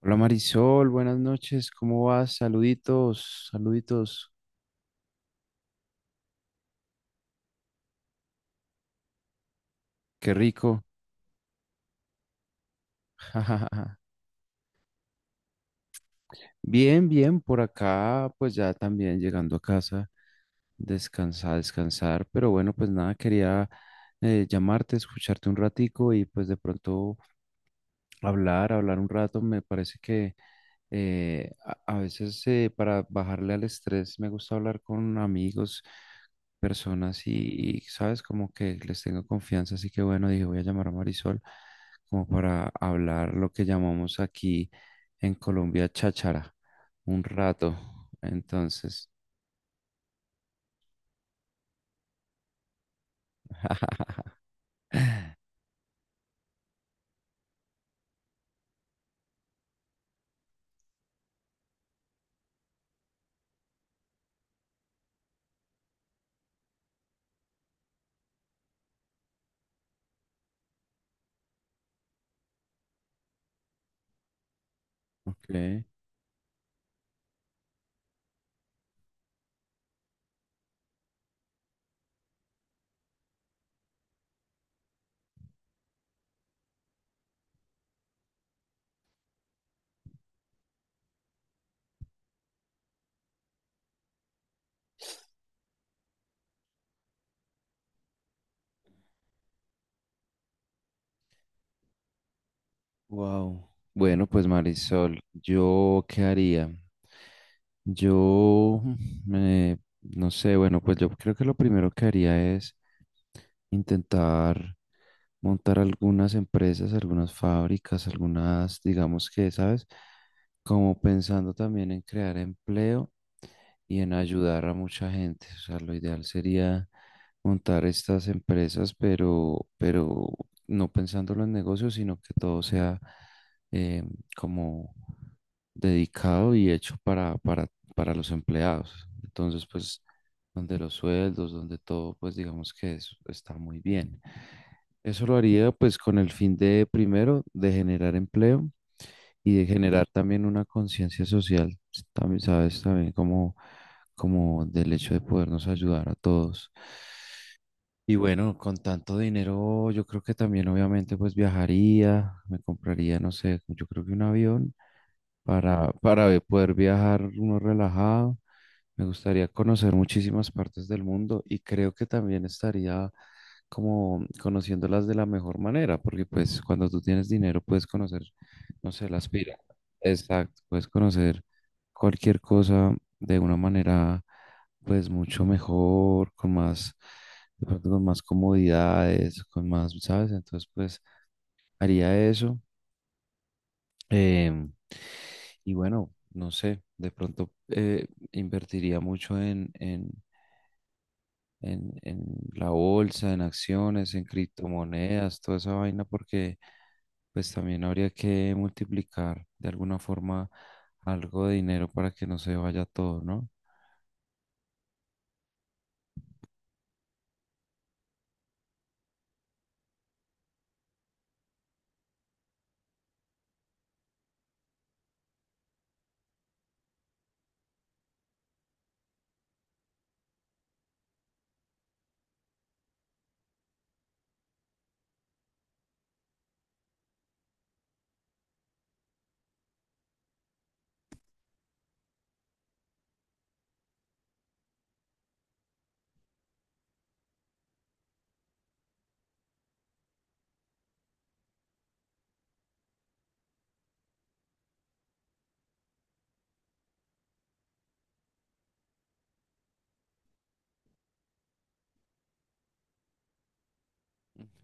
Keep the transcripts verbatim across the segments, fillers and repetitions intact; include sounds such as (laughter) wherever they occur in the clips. Hola Marisol, buenas noches, ¿cómo vas? Saluditos, saluditos, qué rico. (laughs) Bien, bien, por acá, pues ya también llegando a casa, descansar, descansar, pero bueno, pues nada, quería eh, llamarte, escucharte un ratico y pues de pronto Hablar, hablar un rato. Me parece que eh, a, a veces, eh, para bajarle al estrés, me gusta hablar con amigos, personas y, y, sabes, como que les tengo confianza, así que bueno, dije, voy a llamar a Marisol como para hablar lo que llamamos aquí en Colombia cháchara, un rato. Entonces. (laughs) Ok, wow. Bueno, pues Marisol, ¿yo qué haría? Yo, mm, eh, no sé, bueno, pues yo creo que lo primero que haría es intentar montar algunas empresas, algunas fábricas, algunas, digamos que, ¿sabes? Como pensando también en crear empleo y en ayudar a mucha gente. O sea, lo ideal sería montar estas empresas, pero, pero no pensándolo en negocios, sino que todo sea eh, como dedicado y hecho para, para, para los empleados. Entonces, pues, donde los sueldos, donde todo, pues digamos que es- está muy bien. Eso lo haría pues con el fin de, primero, de generar empleo y de generar también una conciencia social, s- también, sabes, también como, como del hecho de podernos ayudar a todos. Y bueno, con tanto dinero, yo creo que también obviamente pues viajaría, me compraría, no sé, yo creo que un avión para, para poder viajar uno relajado. Me gustaría conocer muchísimas partes del mundo y creo que también estaría como conociéndolas de la mejor manera, porque pues cuando tú tienes dinero puedes conocer, no sé, las pirámides. Exacto, puedes conocer cualquier cosa de una manera pues mucho mejor, con más, de pronto con más comodidades, con más, ¿sabes? Entonces pues haría eso. em, y bueno, no sé, de pronto eh, invertiría mucho en, en en, en la bolsa, en acciones, en criptomonedas, toda esa vaina, porque pues también habría que multiplicar de alguna forma algo de dinero para que no se vaya todo, ¿no?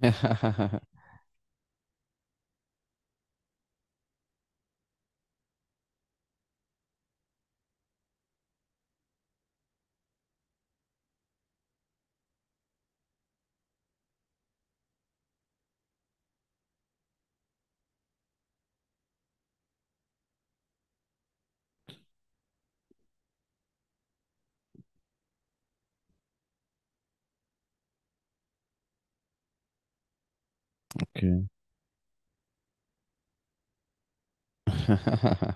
(laughs) Ok. (laughs)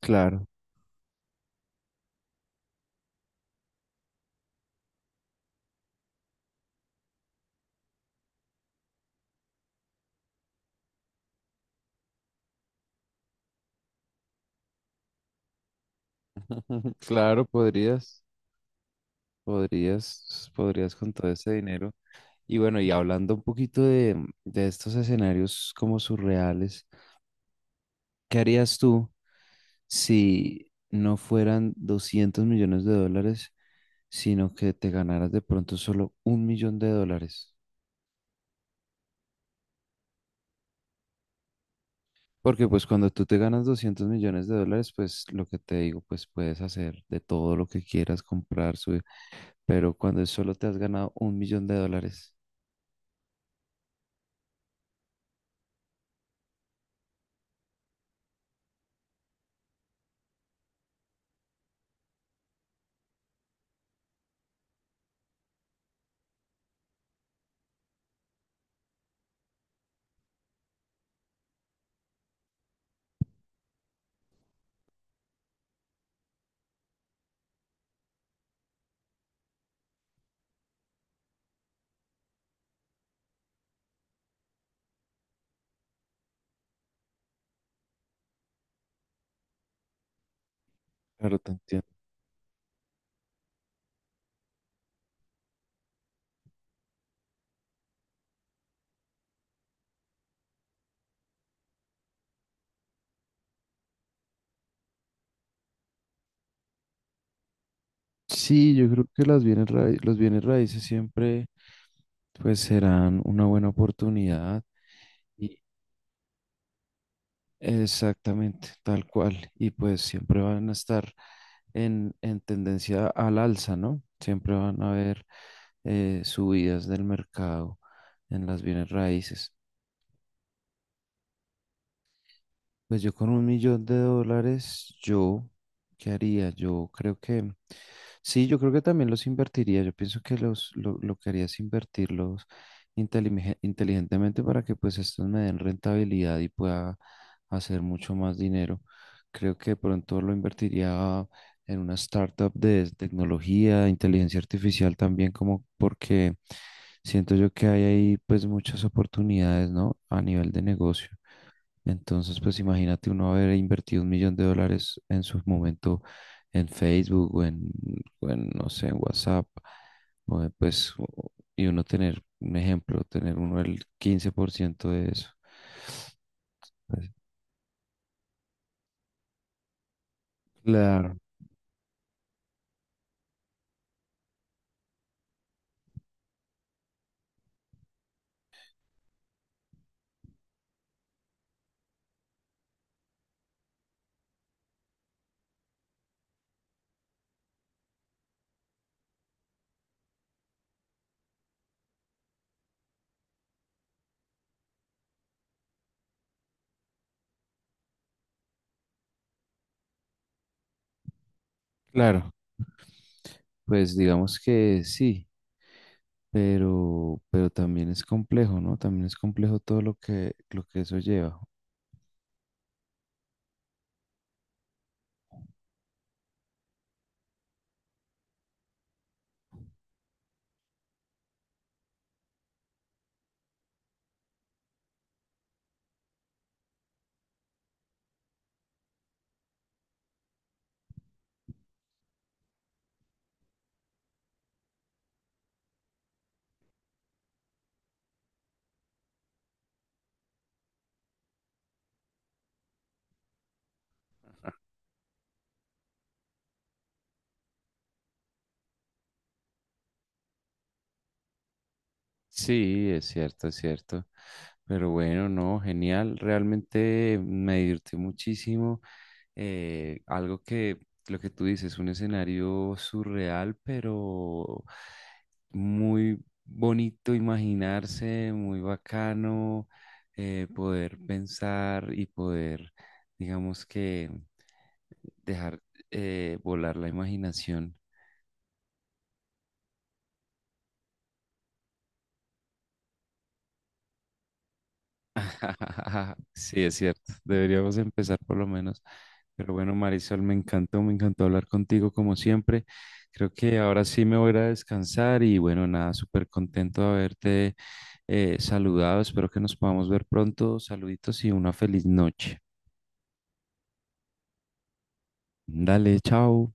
Claro. (laughs) Claro, podrías, podrías, podrías con todo ese dinero. Y bueno, y hablando un poquito de, de estos escenarios como surreales, ¿qué harías tú si no fueran doscientos millones de dólares, sino que te ganaras de pronto solo un millón de dólares? Porque pues cuando tú te ganas doscientos millones de dólares, pues lo que te digo, pues puedes hacer de todo lo que quieras, comprar, subir, pero cuando solo te has ganado un millón de dólares. Claro, te entiendo. Sí, yo creo que las bienes raí- los bienes raíces siempre pues serán una buena oportunidad. Exactamente, tal cual. Y pues siempre van a estar en, en tendencia al alza, ¿no? Siempre van a haber eh, subidas del mercado en las bienes raíces. Pues yo con un millón de dólares, yo, ¿qué haría? Yo creo que, sí, yo creo que también los invertiría. Yo pienso que los, lo, lo que haría es invertirlos intelige- inteligentemente para que pues estos me den rentabilidad y pueda hacer mucho más dinero. Creo que de pronto lo invertiría en una startup de tecnología, inteligencia artificial también, como porque siento yo que hay ahí pues muchas oportunidades, ¿no? A nivel de negocio. Entonces, pues imagínate uno haber invertido un millón de dólares en su momento en Facebook o en, o en, no sé, en WhatsApp, o en, pues, o- y uno tener un ejemplo, tener uno el quince por ciento de eso. Pues, claro, claro. Pues digamos que sí, pero, pero también es complejo, ¿no? También es complejo todo lo que, lo que eso lleva. Sí, es cierto, es cierto. Pero bueno, no, genial. Realmente me divertí muchísimo. Eh, algo que, lo que tú dices, un escenario surreal, pero muy bonito imaginarse, muy bacano, eh, poder pensar y poder, digamos que, dejar, eh, volar la imaginación. (laughs) Sí, es cierto. Deberíamos empezar por lo menos. Pero bueno, Marisol, me encantó, me encantó hablar contigo como siempre. Creo que ahora sí me voy a ir a descansar y bueno, nada, súper contento de haberte eh, saludado. Espero que nos podamos ver pronto. Saluditos y una feliz noche. Dale, chao.